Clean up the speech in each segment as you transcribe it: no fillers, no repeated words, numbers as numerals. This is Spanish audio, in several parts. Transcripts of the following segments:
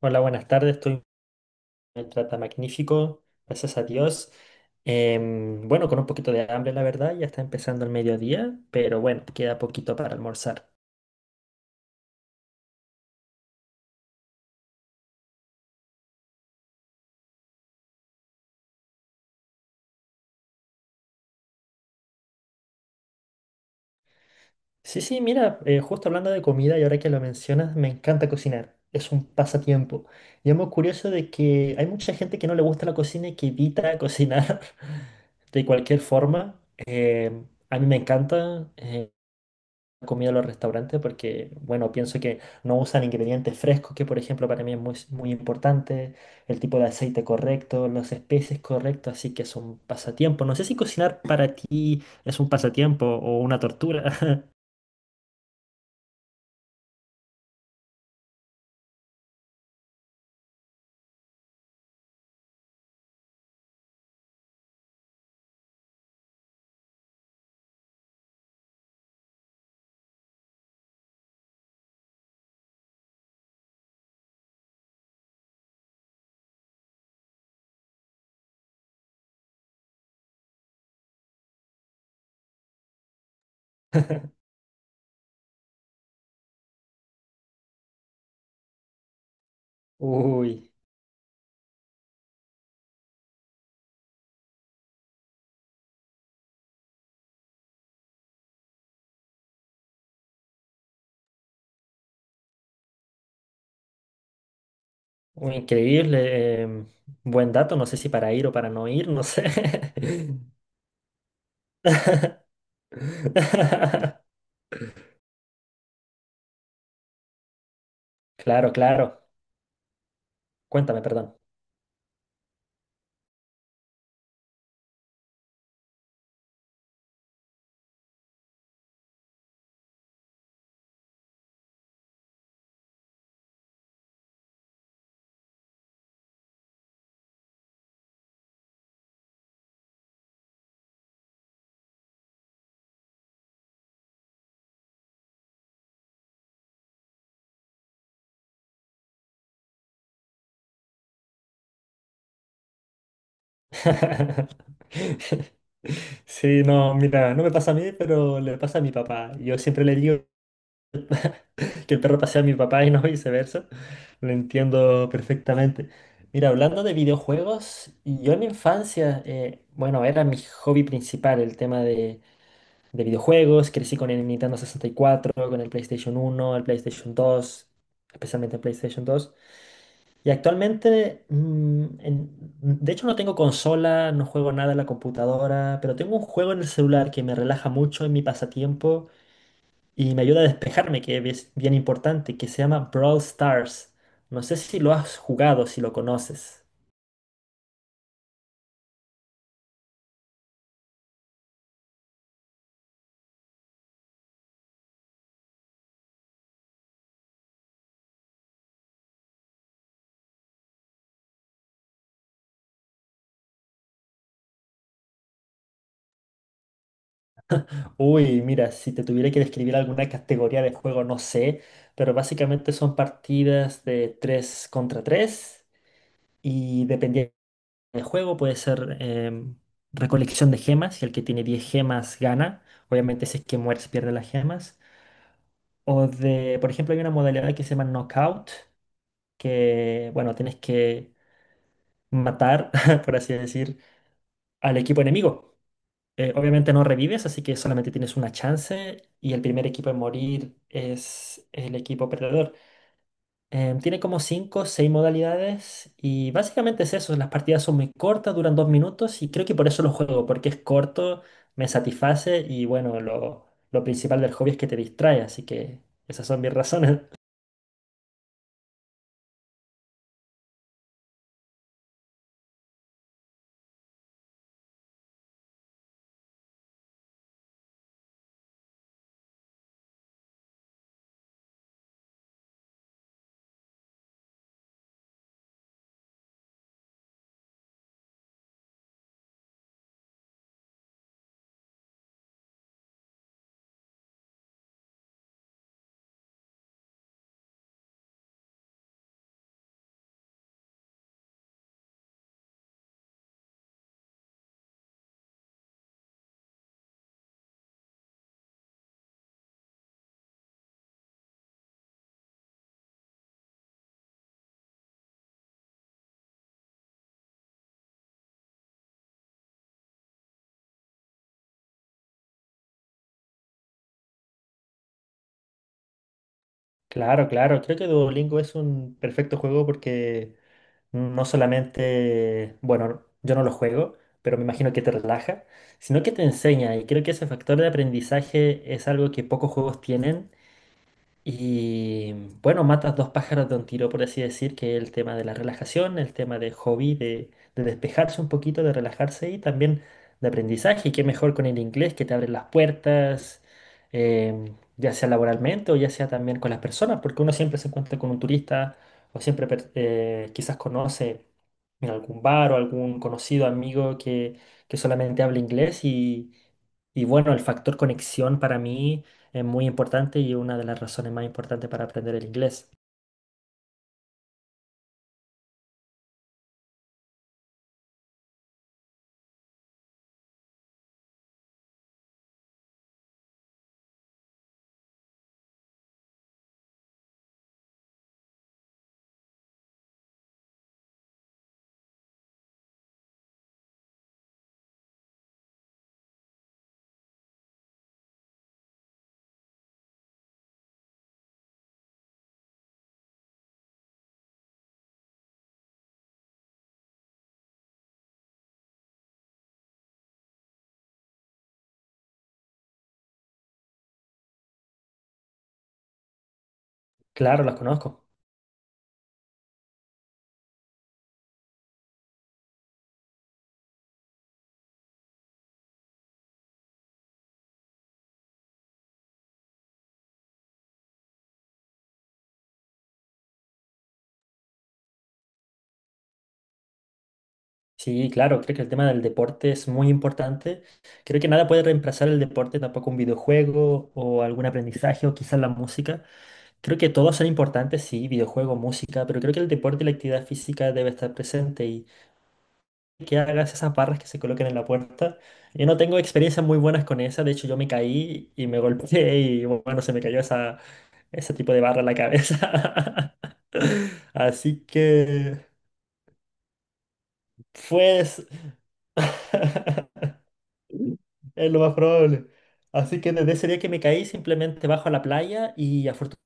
Hola, buenas tardes. Estoy me trata magnífico, gracias a Dios. Bueno, con un poquito de hambre, la verdad, ya está empezando el mediodía, pero bueno, queda poquito para almorzar. Sí, sí, mira, justo hablando de comida y ahora que lo mencionas, me encanta cocinar. Es un pasatiempo. Y es muy curioso de que hay mucha gente que no le gusta la cocina y que evita cocinar de cualquier forma. A mí me encanta. Comido en los restaurantes porque, bueno, pienso que no usan ingredientes frescos, que por ejemplo para mí es muy, muy importante, el tipo de aceite correcto, las especies correctas, así que es un pasatiempo. No sé si cocinar para ti es un pasatiempo o una tortura. Uy, uy, increíble. Buen dato, no sé si para ir o para no ir, no sé. Claro, claro. Cuéntame, perdón. Sí, no, mira, no me pasa a mí, pero le pasa a mi papá. Yo siempre le digo que el perro pasea a mi papá y no viceversa. Lo entiendo perfectamente. Mira, hablando de videojuegos, yo en mi infancia, bueno, era mi hobby principal el tema de videojuegos. Crecí con el Nintendo sesenta y cuatro, con el PlayStation uno, el PlayStation dos, especialmente el PlayStation dos. Y actualmente, de hecho no tengo consola, no juego nada en la computadora, pero tengo un juego en el celular que me relaja mucho en mi pasatiempo y me ayuda a despejarme, que es bien importante, que se llama Brawl Stars. No sé si lo has jugado, si lo conoces. Uy, mira, si te tuviera que describir alguna categoría de juego, no sé, pero básicamente son partidas de 3 contra 3 y dependiendo el juego puede ser recolección de gemas y el que tiene 10 gemas gana. Obviamente si es que mueres pierde las gemas. O de, por ejemplo, hay una modalidad que se llama knockout, que, bueno, tienes que matar, por así decir, al equipo enemigo. Obviamente no revives, así que solamente tienes una chance y el primer equipo en morir es el equipo perdedor. Tiene como 5 o 6 modalidades y básicamente es eso, las partidas son muy cortas, duran 2 minutos y creo que por eso lo juego, porque es corto, me satisface y bueno, lo principal del hobby es que te distrae, así que esas son mis razones. Claro, claro, creo que Duolingo es un perfecto juego porque no solamente, bueno, yo no lo juego, pero me imagino que te relaja, sino que te enseña y creo que ese factor de aprendizaje es algo que pocos juegos tienen. Y bueno, matas dos pájaros de un tiro, por así decir, que es el tema de la relajación, el tema de hobby, de despejarse un poquito, de relajarse y también de aprendizaje. Y qué mejor con el inglés que te abre las puertas, eh, ya sea laboralmente o ya sea también con las personas, porque uno siempre se encuentra con un turista o siempre quizás conoce en algún bar o algún conocido amigo que solamente habla inglés y bueno, el factor conexión para mí. Es muy importante y una de las razones más importantes para aprender el inglés. Claro, las conozco. Sí, claro, creo que el tema del deporte es muy importante. Creo que nada puede reemplazar el deporte, tampoco un videojuego o algún aprendizaje o quizás la música. Creo que todos son importantes, sí, videojuego, música, pero creo que el deporte y la actividad física debe estar presente que hagas esas barras que se coloquen en la puerta. Yo no tengo experiencias muy buenas con esa, de hecho yo me caí y me golpeé y bueno, se me cayó ese tipo de barra en la cabeza. Así que, pues, es lo más probable. Así que desde ese día que me caí, simplemente bajo a la playa y afortunadamente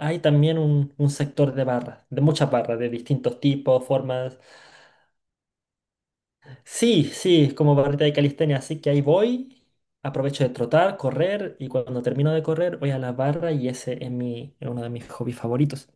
hay también un sector de barras, de muchas barras, de distintos tipos, formas. Sí, sí, es como barrita de calistenia, así que ahí voy, aprovecho de trotar, correr y cuando termino de correr voy a la barra y ese es es uno de mis hobbies favoritos.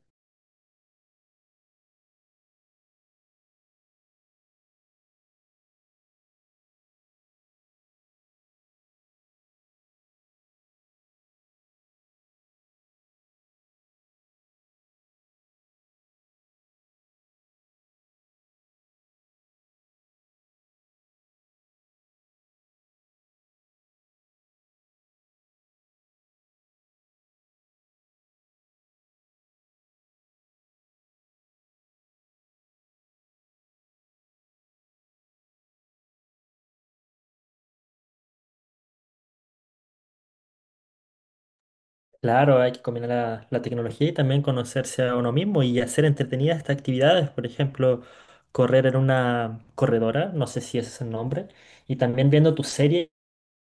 Claro, hay que combinar la tecnología y también conocerse a uno mismo y hacer entretenidas estas actividades, por ejemplo, correr en una corredora, no sé si ese es el nombre, y también viendo tu serie,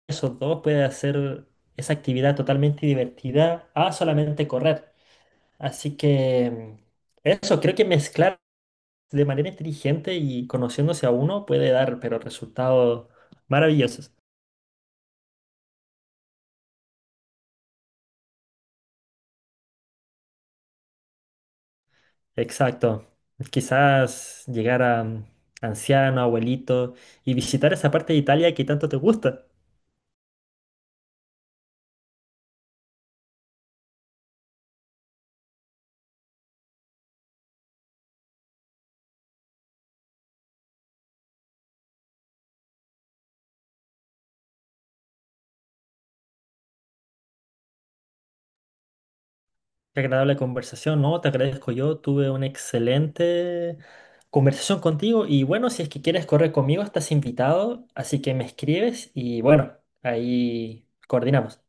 esos dos puede hacer esa actividad totalmente divertida a solamente correr. Así que. Eso, creo que mezclar de manera inteligente y conociéndose a uno puede dar, pero resultados maravillosos. Exacto. Quizás llegar a anciano, abuelito y visitar esa parte de Italia que tanto te gusta. Qué agradable conversación, ¿no? Te agradezco yo. Tuve una excelente conversación contigo y bueno, si es que quieres correr conmigo, estás invitado, así que me escribes y bueno, ahí coordinamos.